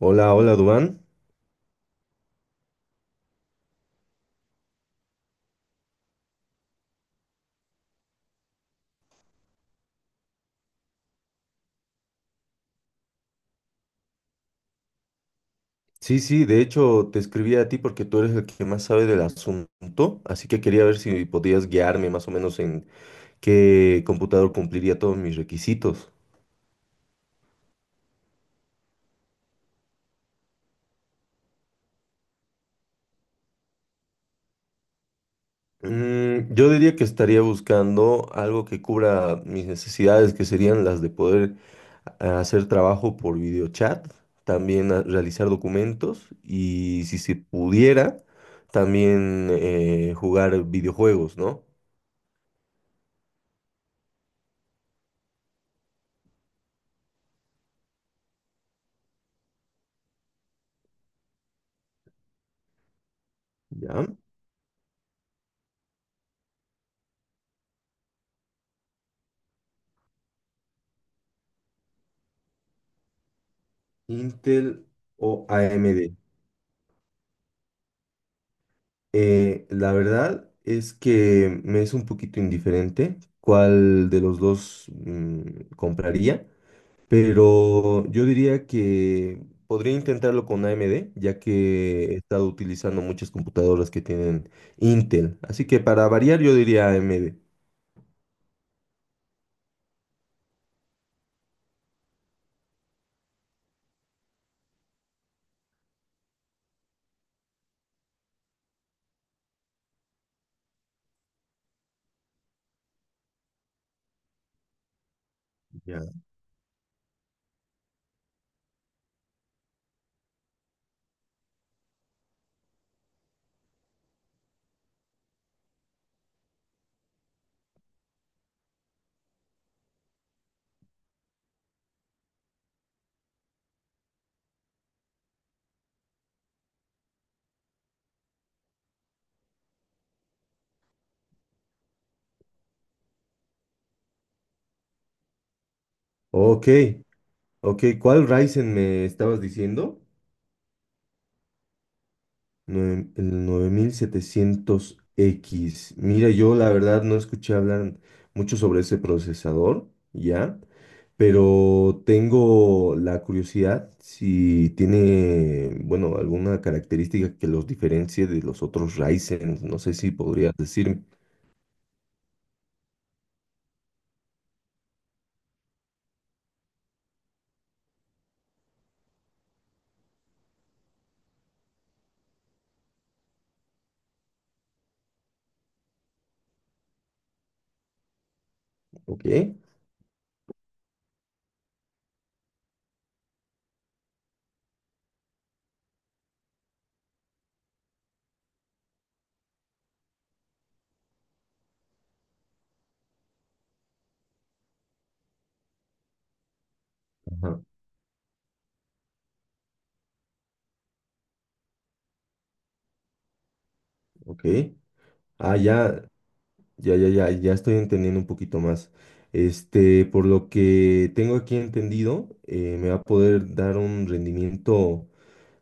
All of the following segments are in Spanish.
Hola, hola, Dubán. Sí, sí, de hecho te escribí a ti porque tú eres el que más sabe del asunto, así que quería ver si podías guiarme más o menos en qué computador cumpliría todos mis requisitos. Yo diría que estaría buscando algo que cubra mis necesidades, que serían las de poder hacer trabajo por videochat, también realizar documentos y si se pudiera, también jugar videojuegos, ¿no? ¿Ya? Intel o AMD. La verdad es que me es un poquito indiferente cuál de los dos compraría, pero yo diría que podría intentarlo con AMD, ya que he estado utilizando muchas computadoras que tienen Intel. Así que para variar yo diría AMD. Ya. Ok, ok, ¿cuál Ryzen me estabas diciendo? El 9700X. Mira, yo la verdad no escuché hablar mucho sobre ese procesador, ¿ya? Pero tengo la curiosidad si tiene, bueno, alguna característica que los diferencie de los otros Ryzen. No sé si podrías decirme. Ok, ajá, ok. Ah, ya, estoy entendiendo un poquito más. Este, por lo que tengo aquí entendido, me va a poder dar un rendimiento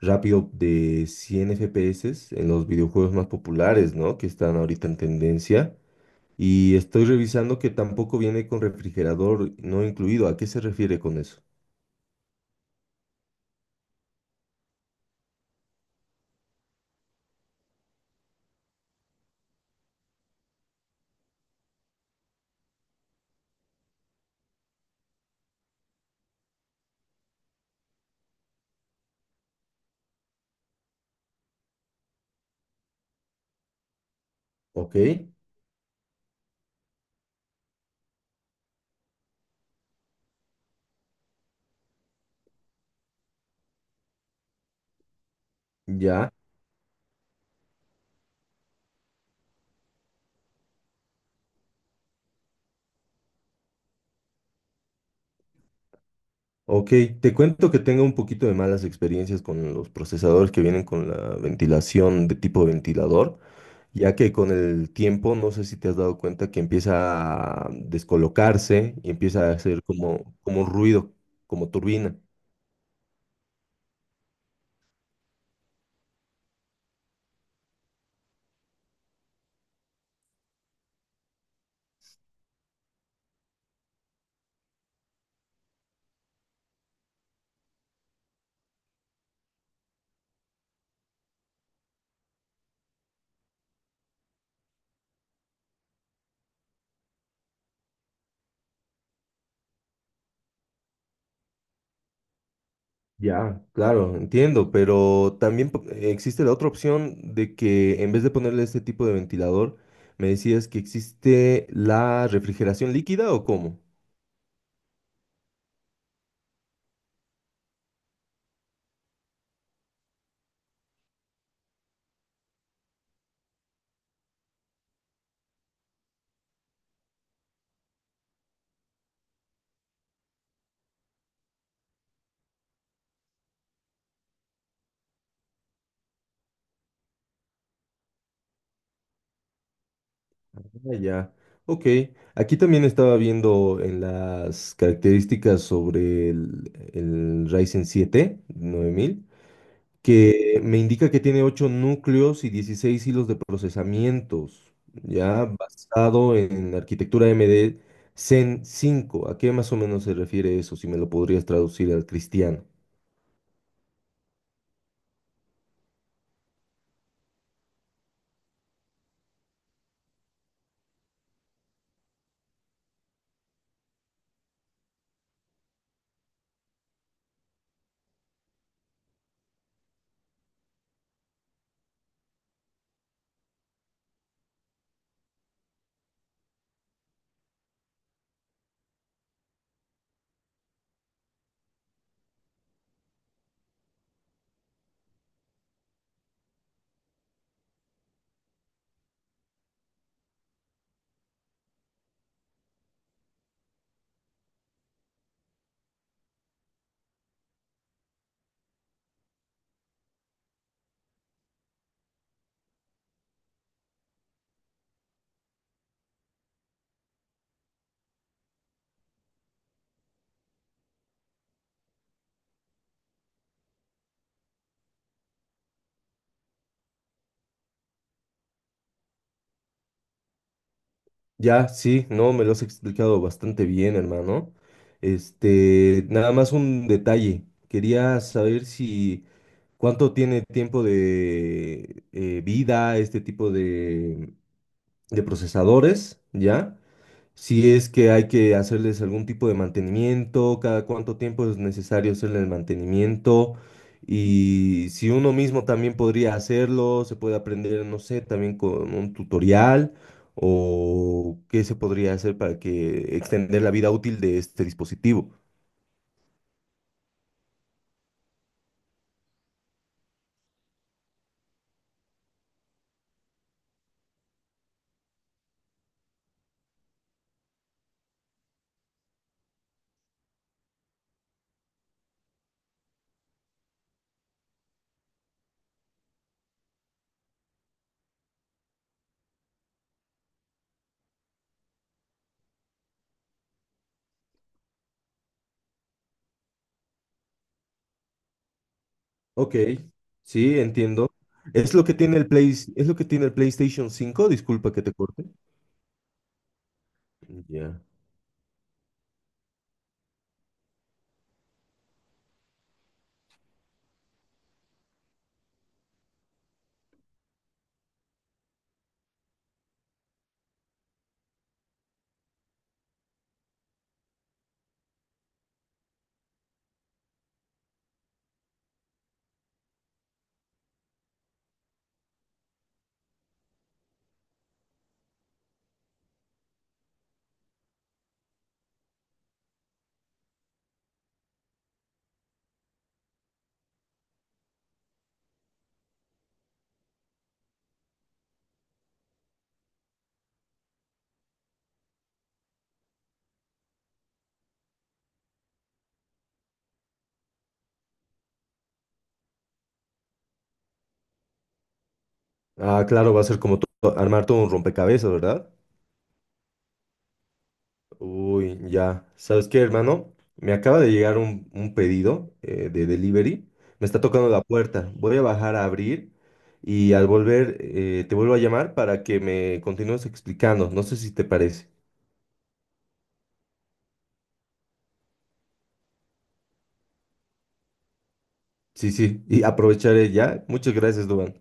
rápido de 100 FPS en los videojuegos más populares, ¿no? Que están ahorita en tendencia. Y estoy revisando que tampoco viene con refrigerador no incluido. ¿A qué se refiere con eso? Ok, ya. Ok, te cuento que tengo un poquito de malas experiencias con los procesadores que vienen con la ventilación de tipo ventilador, ya que con el tiempo, no sé si te has dado cuenta que empieza a descolocarse y empieza a hacer como ruido, como turbina. Ya, claro, entiendo, pero también existe la otra opción de que en vez de ponerle este tipo de ventilador, me decías que existe la refrigeración líquida o cómo. Ah, ya, ok. Aquí también estaba viendo en las características sobre el Ryzen 7 9000 que me indica que tiene 8 núcleos y 16 hilos de procesamientos, ya basado en la arquitectura MD Zen cinco. ¿A qué más o menos se refiere eso? Si me lo podrías traducir al cristiano. Ya, sí, no, me lo has explicado bastante bien, hermano. Este, nada más un detalle. Quería saber si cuánto tiene tiempo de vida este tipo de procesadores, ¿ya? Si es que hay que hacerles algún tipo de mantenimiento, cada cuánto tiempo es necesario hacerle el mantenimiento y si uno mismo también podría hacerlo, se puede aprender, no sé, también con un tutorial o qué se podría hacer para que extender la vida útil de este dispositivo. Ok, sí, entiendo. Es lo que tiene el Play, es lo que tiene el PlayStation 5, disculpa que te corte. Ya. Ah, claro, va a ser como to- armar todo un rompecabezas, ¿verdad? Uy, ya. ¿Sabes qué, hermano? Me acaba de llegar un pedido de delivery. Me está tocando la puerta. Voy a bajar a abrir y al volver te vuelvo a llamar para que me continúes explicando. No sé si te parece. Sí, sí. Y aprovecharé ya. Muchas gracias, Duan.